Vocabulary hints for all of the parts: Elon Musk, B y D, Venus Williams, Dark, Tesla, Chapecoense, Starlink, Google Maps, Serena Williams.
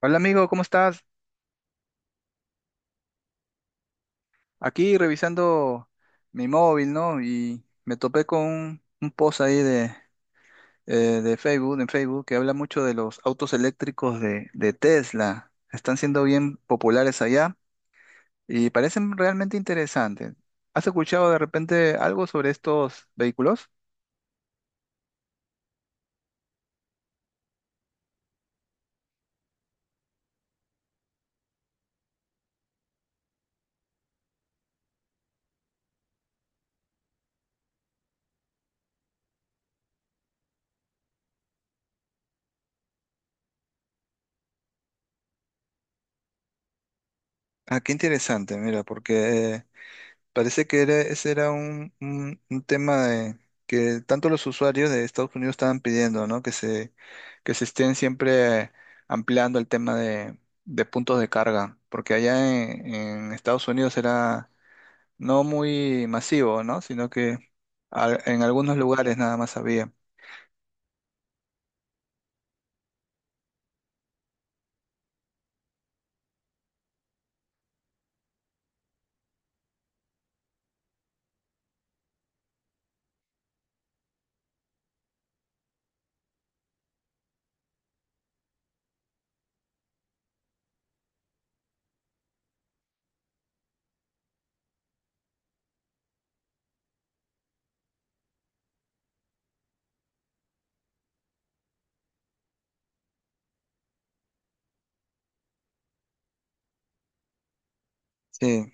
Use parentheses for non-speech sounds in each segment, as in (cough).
Hola amigo, ¿cómo estás? Aquí revisando mi móvil, ¿no? Y me topé con un post ahí eh, de Facebook, en Facebook, que habla mucho de los autos eléctricos de Tesla. Están siendo bien populares allá y parecen realmente interesantes. ¿Has escuchado de repente algo sobre estos vehículos? Ah, qué interesante, mira, porque parece que era, ese era un, un tema de que tanto los usuarios de Estados Unidos estaban pidiendo, ¿no? Que se estén siempre ampliando el tema de puntos de carga, porque allá en Estados Unidos era no muy masivo, ¿no? Sino que en algunos lugares nada más había. Sí.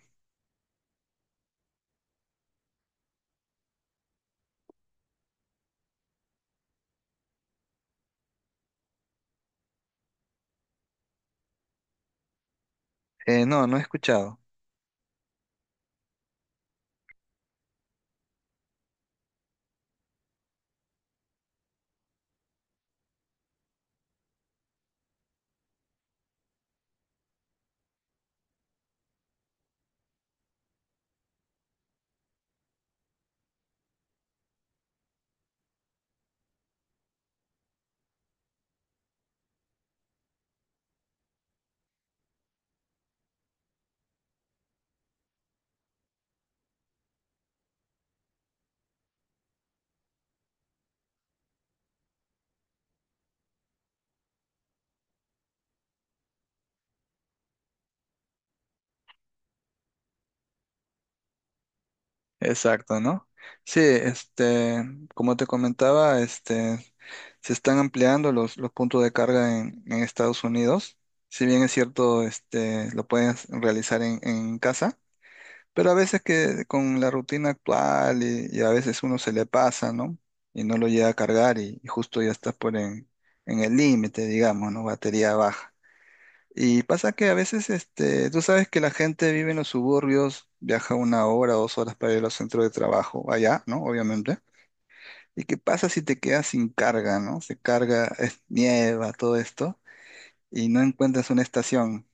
No, no he escuchado. Exacto, ¿no? Sí, este, como te comentaba, este, se están ampliando los puntos de carga en Estados Unidos. Si bien es cierto, este, lo puedes realizar en casa, pero a veces que con la rutina actual y a veces uno se le pasa, ¿no? Y no lo llega a cargar y justo ya estás por en el límite, digamos, ¿no? Batería baja. Y pasa que a veces, este, tú sabes que la gente vive en los suburbios, viaja una hora, dos horas para ir al centro de trabajo, allá, ¿no? Obviamente. ¿Y qué pasa si te quedas sin carga, ¿no? Se carga, es nieva, todo esto, y no encuentras una estación,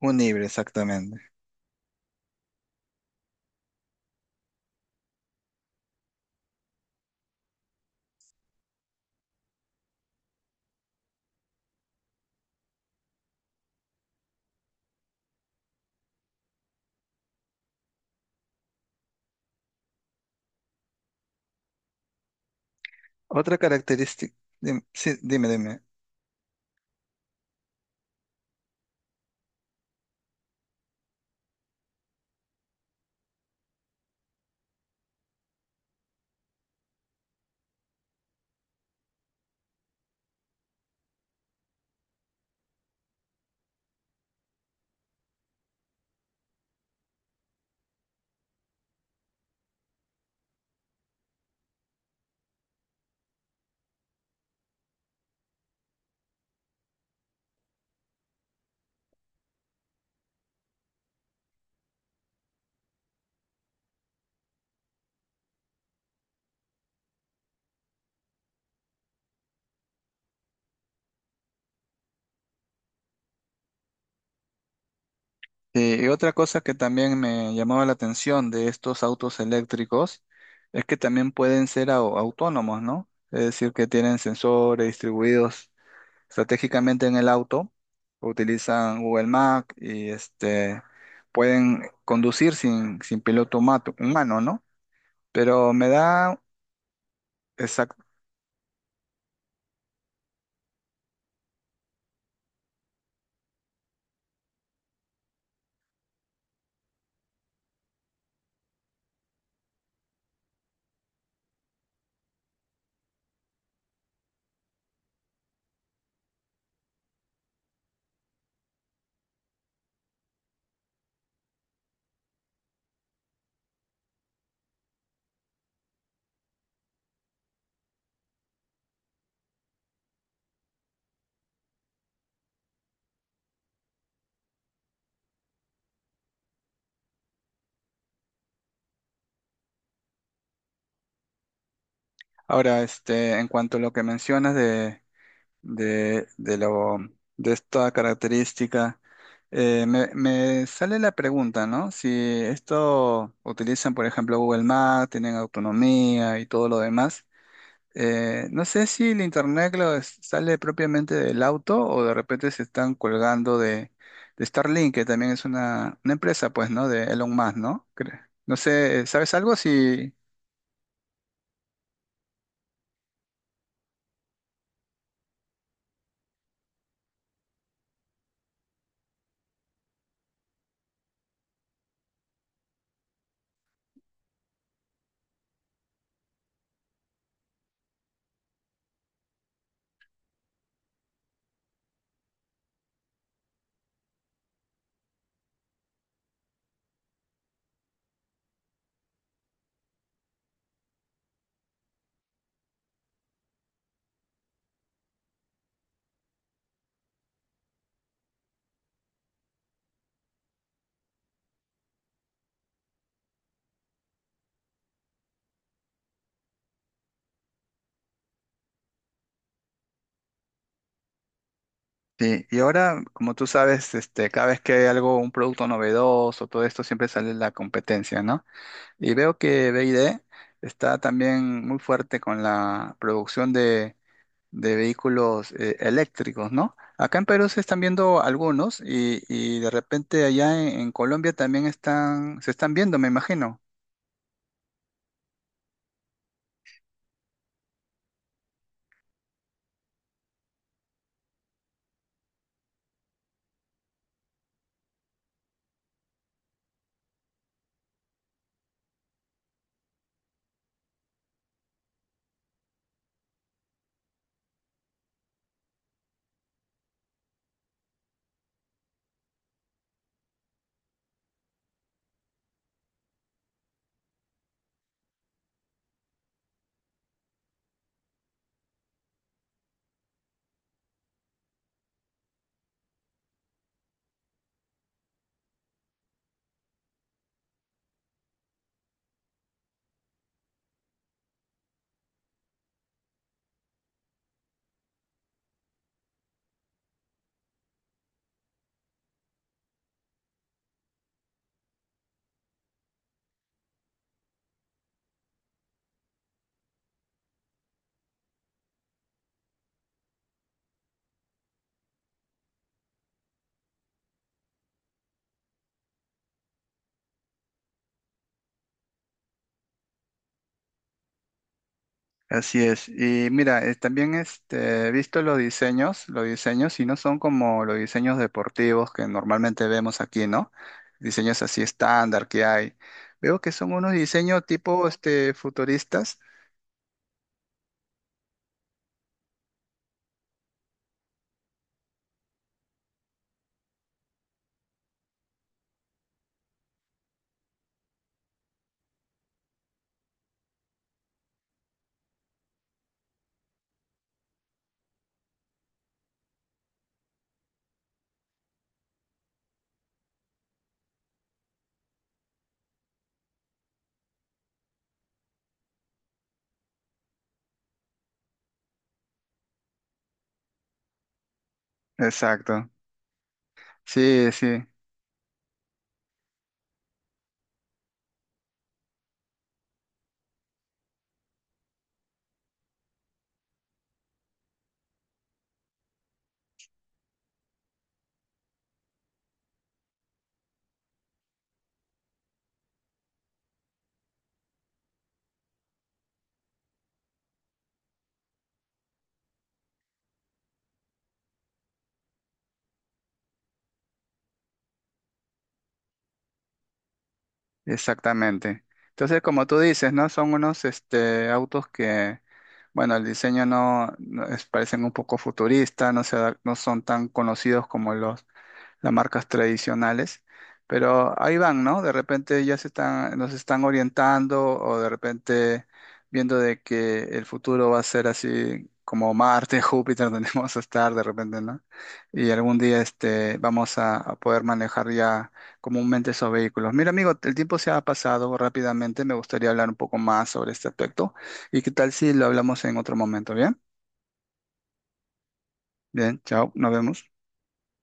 un híbrido exactamente. Otra característica, dime, sí, dime, dime. Y otra cosa que también me llamaba la atención de estos autos eléctricos es que también pueden ser autónomos, ¿no? Es decir, que tienen sensores distribuidos estratégicamente en el auto, utilizan Google Maps y este, pueden conducir sin, sin piloto humano, ¿no? Pero me da, exacto. Ahora, este, en cuanto a lo que mencionas de lo, de esta característica, me, me sale la pregunta, ¿no? Si esto utilizan, por ejemplo, Google Maps, tienen autonomía y todo lo demás. No sé si el internet sale propiamente del auto o de repente se están colgando de Starlink, que también es una empresa, pues, ¿no? De Elon Musk, ¿no? No sé, ¿sabes algo? Si sí, y ahora, como tú sabes, este, cada vez que hay algo, un producto novedoso, todo esto, siempre sale la competencia, ¿no? Y veo que BYD está también muy fuerte con la producción de vehículos eléctricos, ¿no? Acá en Perú se están viendo algunos y de repente allá en Colombia también están, se están viendo, me imagino. Así es. Y mira, también este, he visto los diseños, y no son como los diseños deportivos que normalmente vemos aquí, ¿no? Diseños así estándar que hay. Veo que son unos diseños tipo este, futuristas. Exacto. Sí, sí, exactamente. Entonces, como tú dices, ¿no? Son unos este, autos que, bueno, el diseño no, no parecen un poco futurista no se, no son tan conocidos como los las marcas tradicionales, pero ahí van, ¿no? De repente ya se están, nos están orientando o de repente viendo de que el futuro va a ser así como Marte, (laughs) Júpiter, donde vamos a estar de repente, ¿no? Y algún día este, vamos a poder manejar ya comúnmente esos vehículos. Mira, amigo, el tiempo se ha pasado rápidamente, me gustaría hablar un poco más sobre este aspecto y qué tal si lo hablamos en otro momento, ¿bien? Bien, chao, nos vemos.